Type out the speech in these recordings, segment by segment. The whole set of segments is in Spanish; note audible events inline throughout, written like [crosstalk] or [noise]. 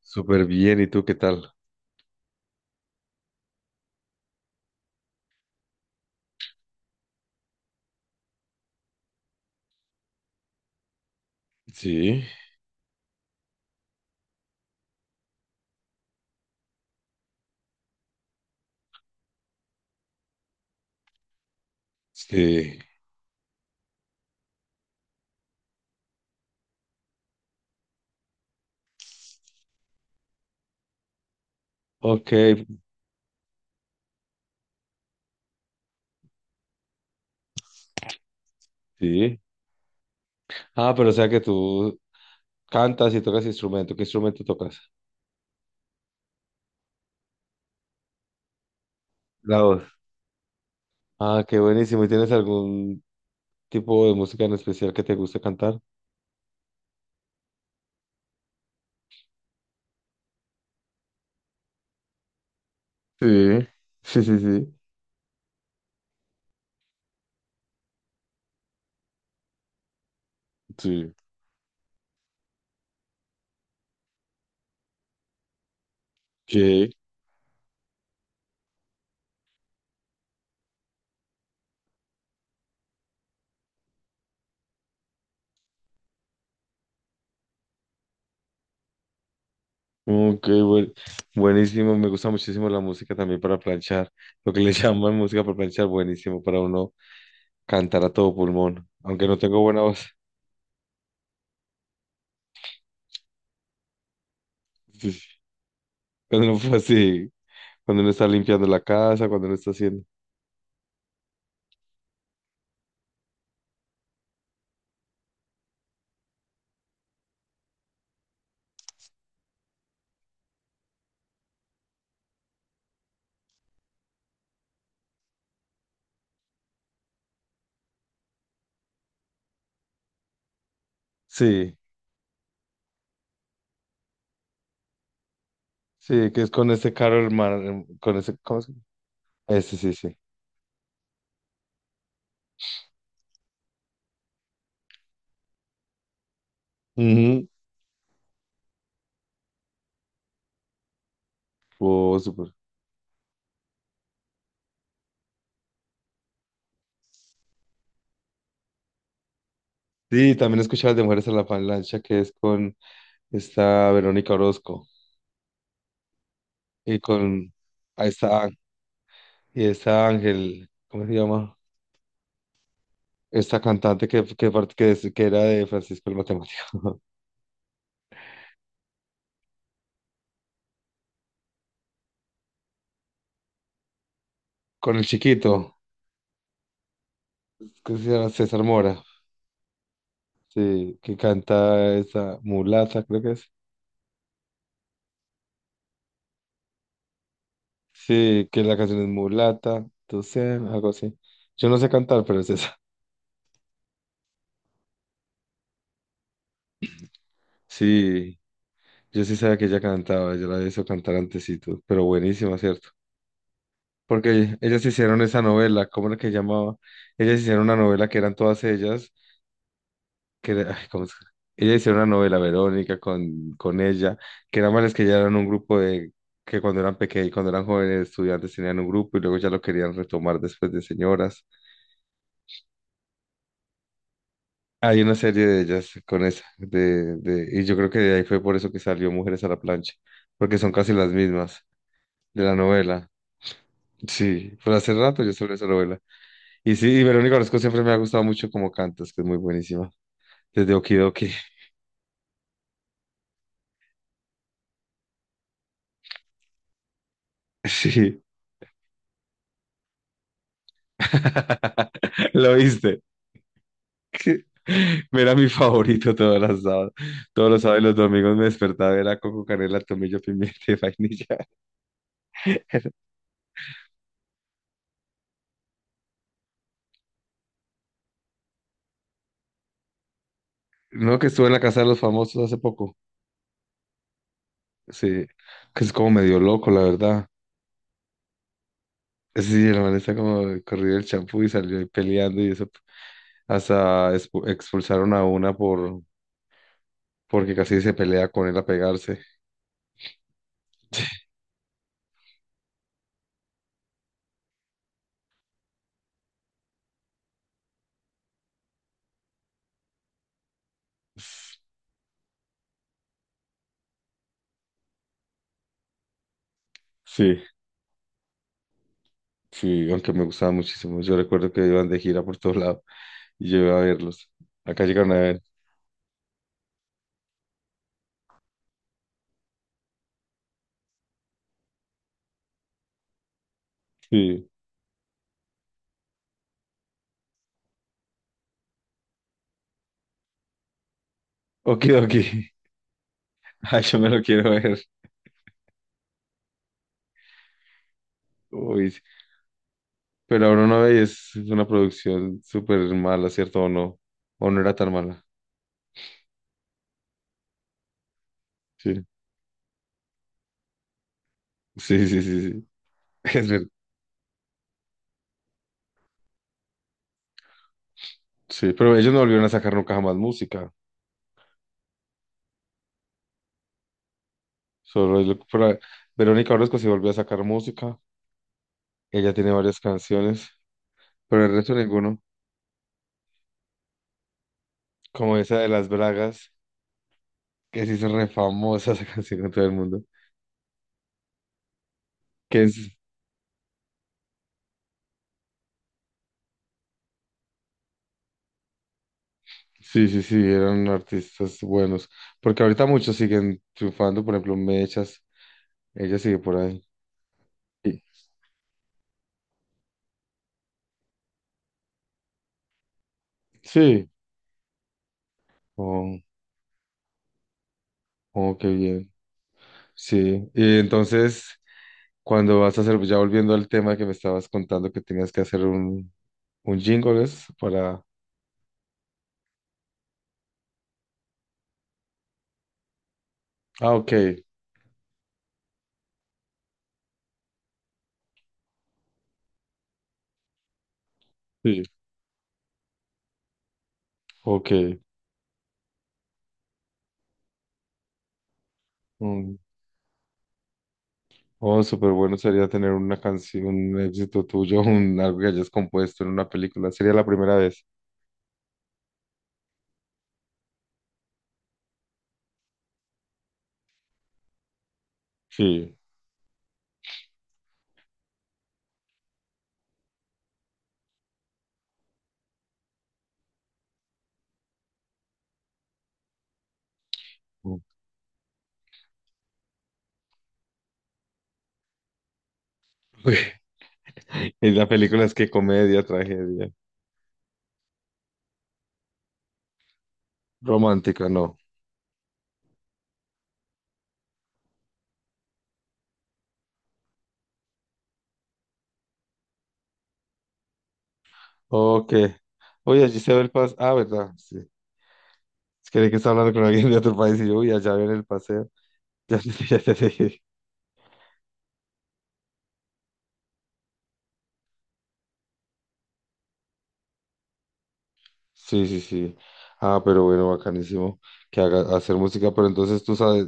Súper bien, ¿y tú qué tal? Sí, sí, ok, sí. Ah, pero o sea que tú cantas y tocas instrumento. ¿Qué instrumento tocas? La voz. Ah, qué buenísimo. ¿Y tienes algún tipo de música en especial que te guste cantar? Sí, sí, sí, sí. Sí. ¿Qué? Ok, buen- Buenísimo. Me gusta muchísimo la música también para planchar. Lo que le [laughs] llaman música para planchar, buenísimo para uno cantar a todo pulmón. Aunque no tengo buena voz. [laughs] Sí. Cuando no fue así. Cuando uno está limpiando la casa, cuando uno está haciendo. Sí, sí, que es con este carro hermano, con ese, ¿cómo se llama? Este, sí, sí. Ujú. Oh, súper. Sí, también escuchaba las de Mujeres a la Avalancha, que es con esta Verónica Orozco y con ahí está, y esta Ángel, ¿cómo se llama? Esta cantante que, part- que, es- que era de Francisco el Matemático, [laughs] con el chiquito, que se llama César Mora, sí, que canta esa mulata, creo que es. Sí, que la canción es Mulata, tú sé, algo así. Yo no sé cantar, pero es esa. [laughs] Sí, yo sí sabía que ella cantaba, yo la había visto cantar antesito, pero buenísima, ¿cierto? Porque ellas hicieron esa novela, ¿cómo era que llamaba? Ellas hicieron una novela que eran todas ellas, que era- ay, ¿cómo es? Ellas hicieron una novela, Verónica, con ella, que era más que ya eran un grupo de, que cuando eran pequeños, cuando eran jóvenes estudiantes tenían un grupo y luego ya lo querían retomar después de señoras. Hay una serie de ellas con esa, y yo creo que de ahí fue por eso que salió Mujeres a la Plancha, porque son casi las mismas de la novela. Sí, por hace rato yo sobre esa novela. Y sí, y Verónica Orozco siempre me ha gustado mucho como cantas, que es muy buenísima. Desde Okidoki. Sí. [laughs] Lo viste. Era mi favorito todos los sábados. Todos los sábados y los domingos me despertaba, era coco, canela, tomillo, pimienta y vainilla. [laughs] No, que estuve en la casa de los famosos hace poco. Sí, que es como medio loco, la verdad. Sí, el man está como corrido el champú y salió ahí peleando y eso. Hasta expulsaron a una porque casi se pelea con él a pegarse. [laughs] Sí, sí, aunque me gustaba muchísimo. Yo recuerdo que iban de gira por todos lados y yo iba a verlos. Acá llegaron a ver. Sí. Okidoki. [laughs] Ay, yo me lo quiero ver. Uy, sí. Pero ahora no veis, es una producción súper mala, ¿cierto? ¿O no? ¿O no era tan mala? Sí. Sí, sí, sí, sí. Es ver- sí, pero ellos no volvieron a sacar nunca jamás música. Solo es lo que- por ahí- Verónica Orozco sí volvió a sacar música. Ella tiene varias canciones, pero el resto ninguno. Como esa de Las Bragas, que se hizo re famosa esa [laughs] canción con todo el mundo. Que es, sí, sí, sí, eran artistas buenos. Porque ahorita muchos siguen triunfando, por ejemplo, Mechas, ella sigue por ahí. Y- Sí, oh, oh, qué bien. Sí, y entonces, cuando vas a hacer, ya volviendo al tema que me estabas contando que tenías que hacer un jingle es para... Ah, ok, sí, ok. Un- Oh, súper bueno sería tener una canción, un éxito tuyo, [laughs] un, algo que hayas compuesto en una película. Sería la primera vez. Sí. Ok. [laughs] Y la película es que comedia, tragedia, romántica, no. Ok. Oye, allí se ve el paseo. Ah, ¿verdad? Sí. Es que de que está hablando con alguien de otro país y yo, uy, allá ven el paseo. [laughs] Ya te dije. Sí, sí, sí. Ah, pero bueno, bacanísimo que haga hacer música, pero entonces tú sabes.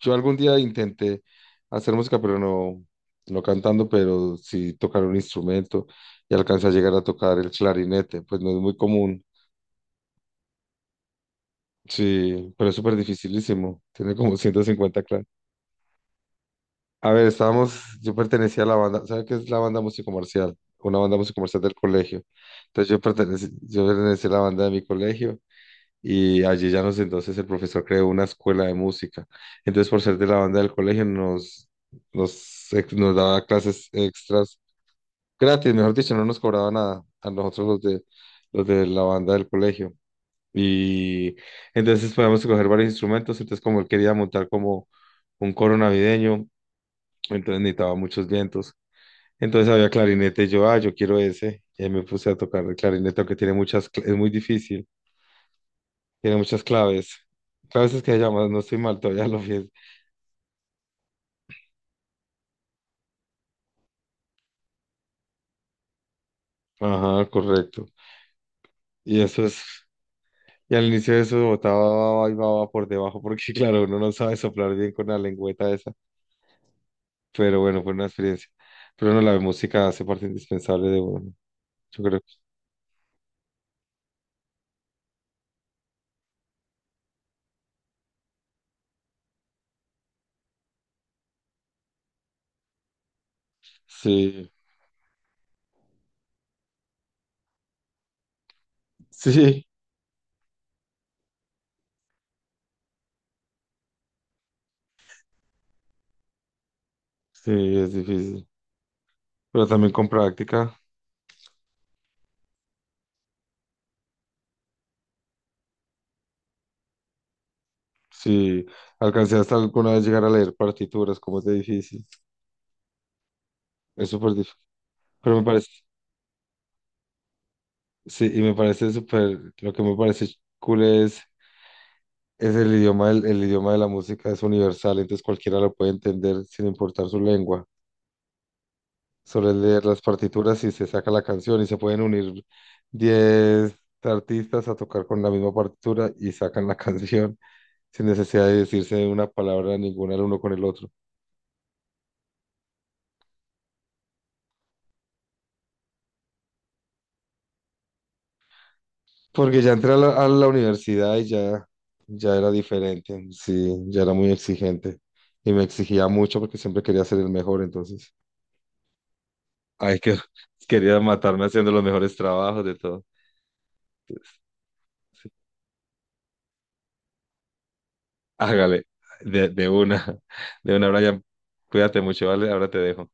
Yo algún día intenté hacer música, pero no, no cantando, pero sí tocar un instrumento y alcancé a llegar a tocar el clarinete, pues no es muy común. Sí, pero es súper dificilísimo. Tiene como [laughs] 150 claves. A ver, estábamos, yo pertenecía a la banda, ¿sabes qué es la banda musicomercial? Una banda musicomercial del colegio. Entonces yo pertenecía a la banda de mi colegio y allí ya nos entonces el profesor creó una escuela de música. Entonces, por ser de la banda del colegio, nos daba clases extras gratis, mejor dicho, no nos cobraba nada a nosotros los de la banda del colegio. Y entonces podíamos coger varios instrumentos, entonces como él quería montar como un coro navideño, entonces necesitaba muchos vientos. Entonces había clarinete, y yo, ah, yo quiero ese, y ahí me puse a tocar el clarinete, aunque tiene muchas, es muy difícil. Tiene muchas claves. Claves es que se llama, no estoy mal, todavía lo vi. Ajá, correcto. Y eso es, y al inicio de eso botaba y baba por debajo, [laughs] porque claro, uno no sabe soplar bien con la lengüeta esa. Pero bueno, fue una experiencia. Pero no, la música hace parte indispensable de uno. Yo creo. Sí, sí, sí, es difícil. Pero también con práctica, sí. Alcancé hasta alguna vez llegar a leer partituras, como es de difícil. Es súper difícil. Pero me parece. Sí, y me parece súper, lo que me parece cool es el idioma de la música es universal, entonces cualquiera lo puede entender sin importar su lengua. Solo es leer las partituras y se saca la canción y se pueden unir 10 artistas a tocar con la misma partitura y sacan la [laughs] canción sin necesidad de decirse una palabra ninguna el uno con el otro. Porque ya entré a la universidad y ya, ya era diferente, sí, ya era muy exigente y me exigía mucho porque siempre quería ser el mejor, entonces. Ay, que [laughs] quería matarme haciendo los mejores trabajos de todo. Entonces, sí. Hágale, de una, [laughs] de una, Brian. Cuídate mucho, ¿vale? Ahora te dejo.